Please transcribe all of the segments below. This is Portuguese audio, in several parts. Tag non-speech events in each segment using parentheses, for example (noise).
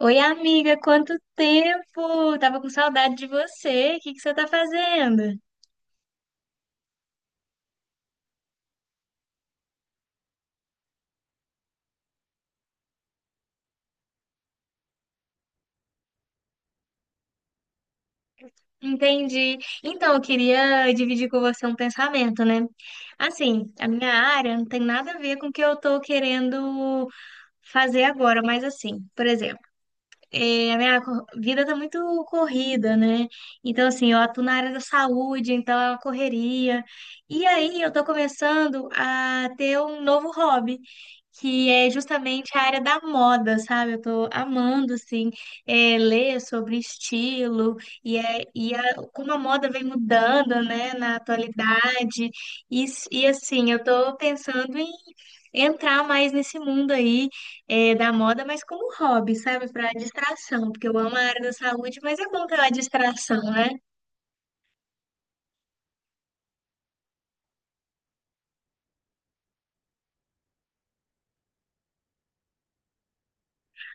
Oi, amiga, quanto tempo! Tava com saudade de você. O que que você tá fazendo? Entendi. Então, eu queria dividir com você um pensamento, né? Assim, a minha área não tem nada a ver com o que eu tô querendo fazer agora, mas assim, por exemplo, a minha vida tá muito corrida, né? Então, assim, eu atuo na área da saúde, então é uma correria. E aí, eu tô começando a ter um novo hobby, que é justamente a área da moda, sabe? Eu tô amando, assim, ler sobre estilo e, e como a moda vem mudando, né, na atualidade. E assim, eu tô pensando em entrar mais nesse mundo aí, é, da moda, mas como hobby, sabe? Para distração, porque eu amo a área da saúde, mas é bom ter uma distração, né?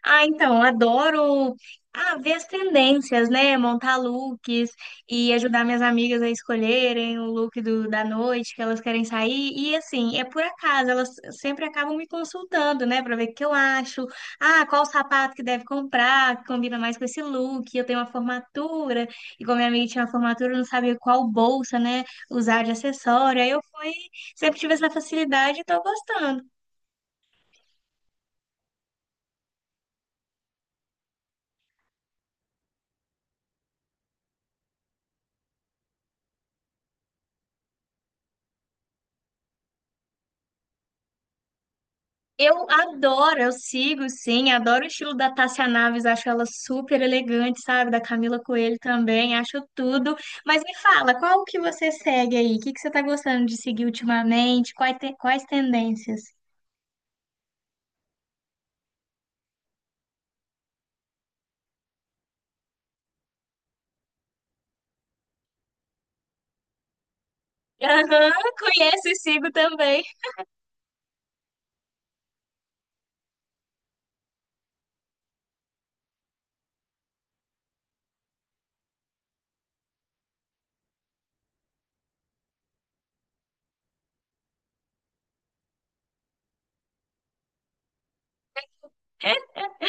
Ah, então, adoro, ver as tendências, né? Montar looks e ajudar minhas amigas a escolherem o look da noite que elas querem sair. E assim, é por acaso, elas sempre acabam me consultando, né? Pra ver o que eu acho. Ah, qual sapato que deve comprar, que combina mais com esse look. Eu tenho uma formatura, e como minha amiga tinha uma formatura, eu não sabia qual bolsa, né? Usar de acessório. Aí eu fui, sempre tive essa facilidade e tô gostando. Eu adoro, eu sigo, sim, adoro o estilo da Tássia Naves, acho ela super elegante, sabe? Da Camila Coelho também, acho tudo. Mas me fala, qual que você segue aí? O que que você tá gostando de seguir ultimamente? Quais, quais tendências? Aham, conheço e sigo também.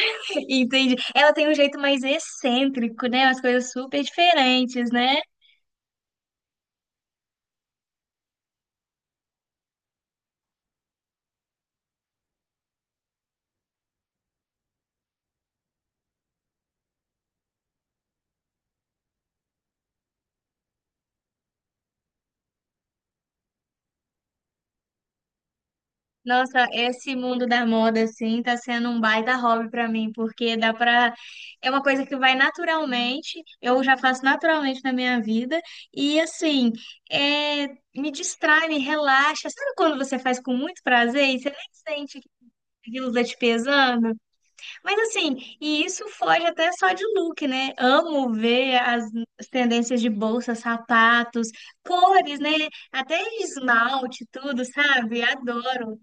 (laughs) Entendi. Ela tem um jeito mais excêntrico, né? Umas coisas super diferentes, né? Nossa, esse mundo da moda, assim, tá sendo um baita hobby pra mim, porque dá pra. É uma coisa que vai naturalmente, eu já faço naturalmente na minha vida, e assim, é... me distrai, me relaxa. Sabe quando você faz com muito prazer e você nem sente que aquilo tá te pesando? Mas assim, e isso foge até só de look, né? Amo ver as tendências de bolsa, sapatos, cores, né? Até esmalte, tudo, sabe? Adoro.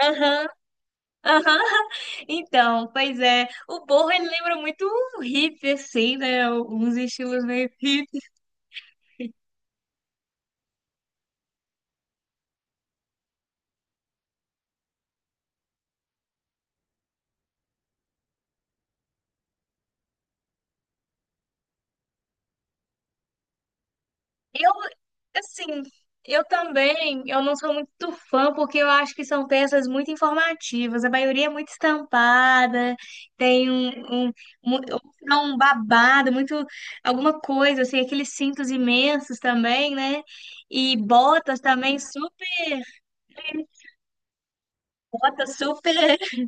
Aham. Aham. (laughs) Então, pois é, o Borro, ele lembra muito o hip, assim, né? Uns estilos meio hip. Eu, assim, eu também, eu não sou muito fã, porque eu acho que são peças muito informativas. A maioria é muito estampada, tem um, mu- é um babado, muito, alguma coisa, assim, aqueles cintos imensos também, né? E botas também, super, botas super. (laughs)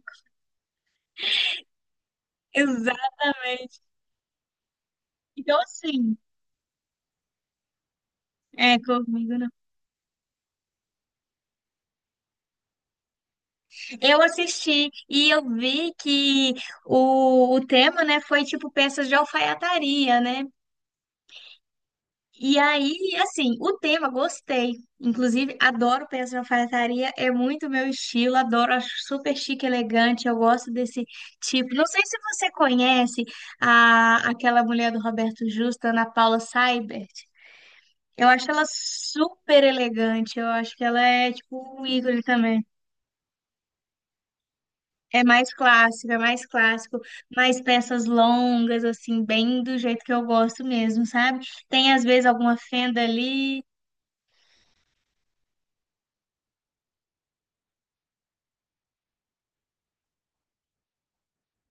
Exatamente. Então, assim. É, comigo não. Eu assisti e eu vi que o tema, né, foi tipo peças de alfaiataria, né? E aí, assim, o tema, gostei. Inclusive, adoro peças de alfaiataria, é muito meu estilo, adoro, acho super chique, elegante, eu gosto desse tipo. Não sei se você conhece aquela mulher do Roberto Justo, Ana Paula Seibert. Eu acho ela super elegante, eu acho que ela é tipo um ícone também. É mais clássico, mais peças longas, assim, bem do jeito que eu gosto mesmo, sabe? Tem às vezes alguma fenda ali,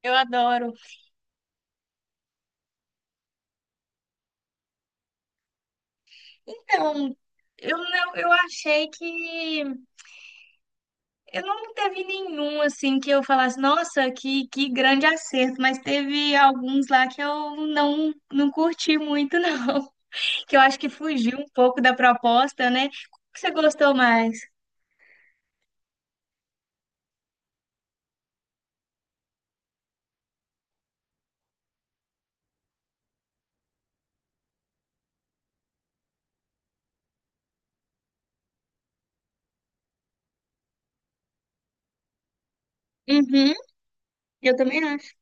eu adoro. Então, eu não, eu achei que eu não teve nenhum assim que eu falasse, nossa, que grande acerto, mas teve alguns lá que eu não curti muito, não. (laughs) Que eu acho que fugiu um pouco da proposta, né? O que você gostou mais? Uhum, eu também acho.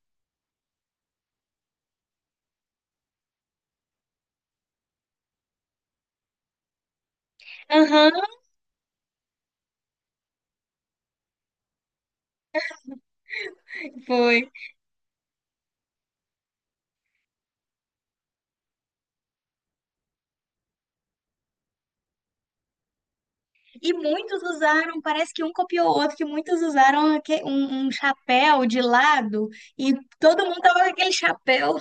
Aham, foi. E muitos usaram, parece que um copiou o outro, que muitos usaram um chapéu de lado e todo mundo tava com aquele chapéu.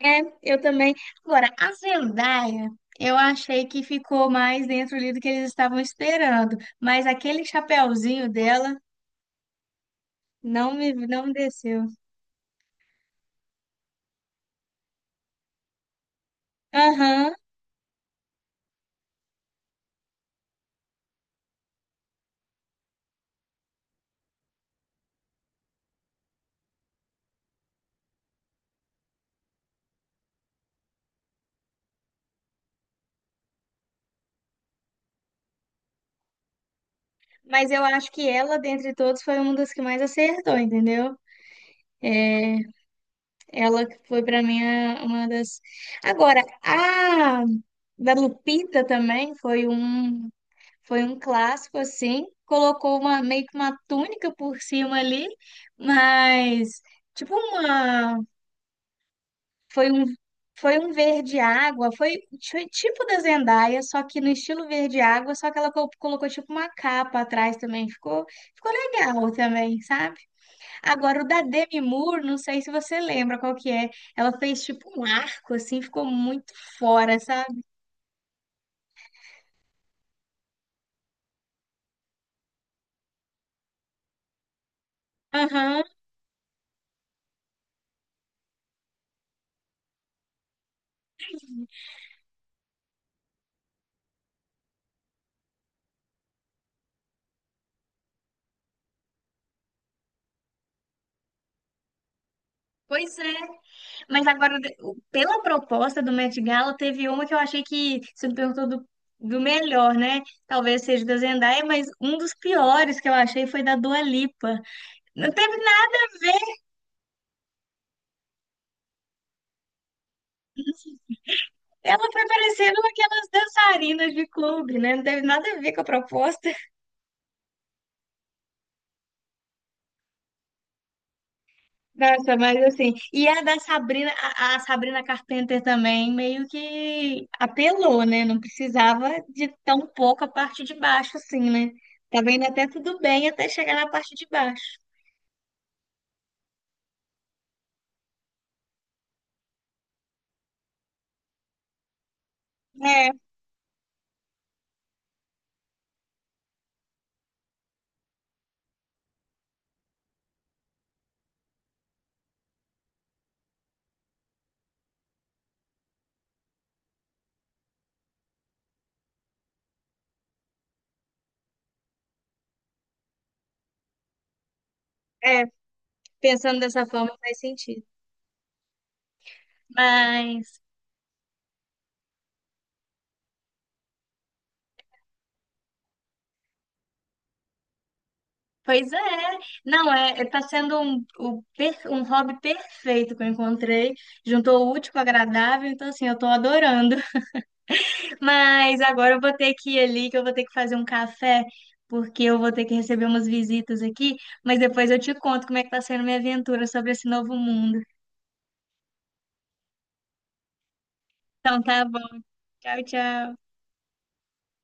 É, eu também. Agora, a Zendaya, eu achei que ficou mais dentro ali do que eles estavam esperando, mas aquele chapéuzinho dela não me desceu. Aham, mas eu acho que ela, dentre todos, foi uma das que mais acertou, entendeu? É, ela que foi pra mim uma das. Agora, a da Lupita também foi um, foi um clássico assim, colocou uma, meio que uma túnica por cima ali, mas tipo uma, foi um, foi um verde água, foi tipo da Zendaya, só que no estilo verde água, só que ela colocou tipo uma capa atrás também, ficou ficou legal também, sabe? Agora o da Demi Moore, não sei se você lembra qual que é. Ela fez tipo um arco assim, ficou muito fora, sabe? Aham. Pois é. Mas agora, pela proposta do Met Gala, teve uma que eu achei, que você me perguntou do, do melhor, né? Talvez seja da Zendaya, mas um dos piores que eu achei foi da Dua Lipa. Não teve nada a ver, ela foi parecendo aquelas dançarinas de clube, né? Não teve nada a ver com a proposta. (laughs) Nossa, mas assim, e a da Sabrina, a Sabrina Carpenter também, meio que apelou, né? Não precisava de tão pouco a parte de baixo, assim, né? Tá vendo até tudo bem até chegar na parte de baixo. É, é, pensando dessa forma faz sentido. Mas, pois é, não, tá sendo um, um hobby perfeito que eu encontrei. Juntou o útil com o agradável, então assim, eu tô adorando. (laughs) Mas agora eu vou ter que ir ali, que eu vou ter que fazer um café, porque eu vou ter que receber umas visitas aqui, mas depois eu te conto como é que tá sendo minha aventura sobre esse novo mundo. Então tá bom, tchau, tchau.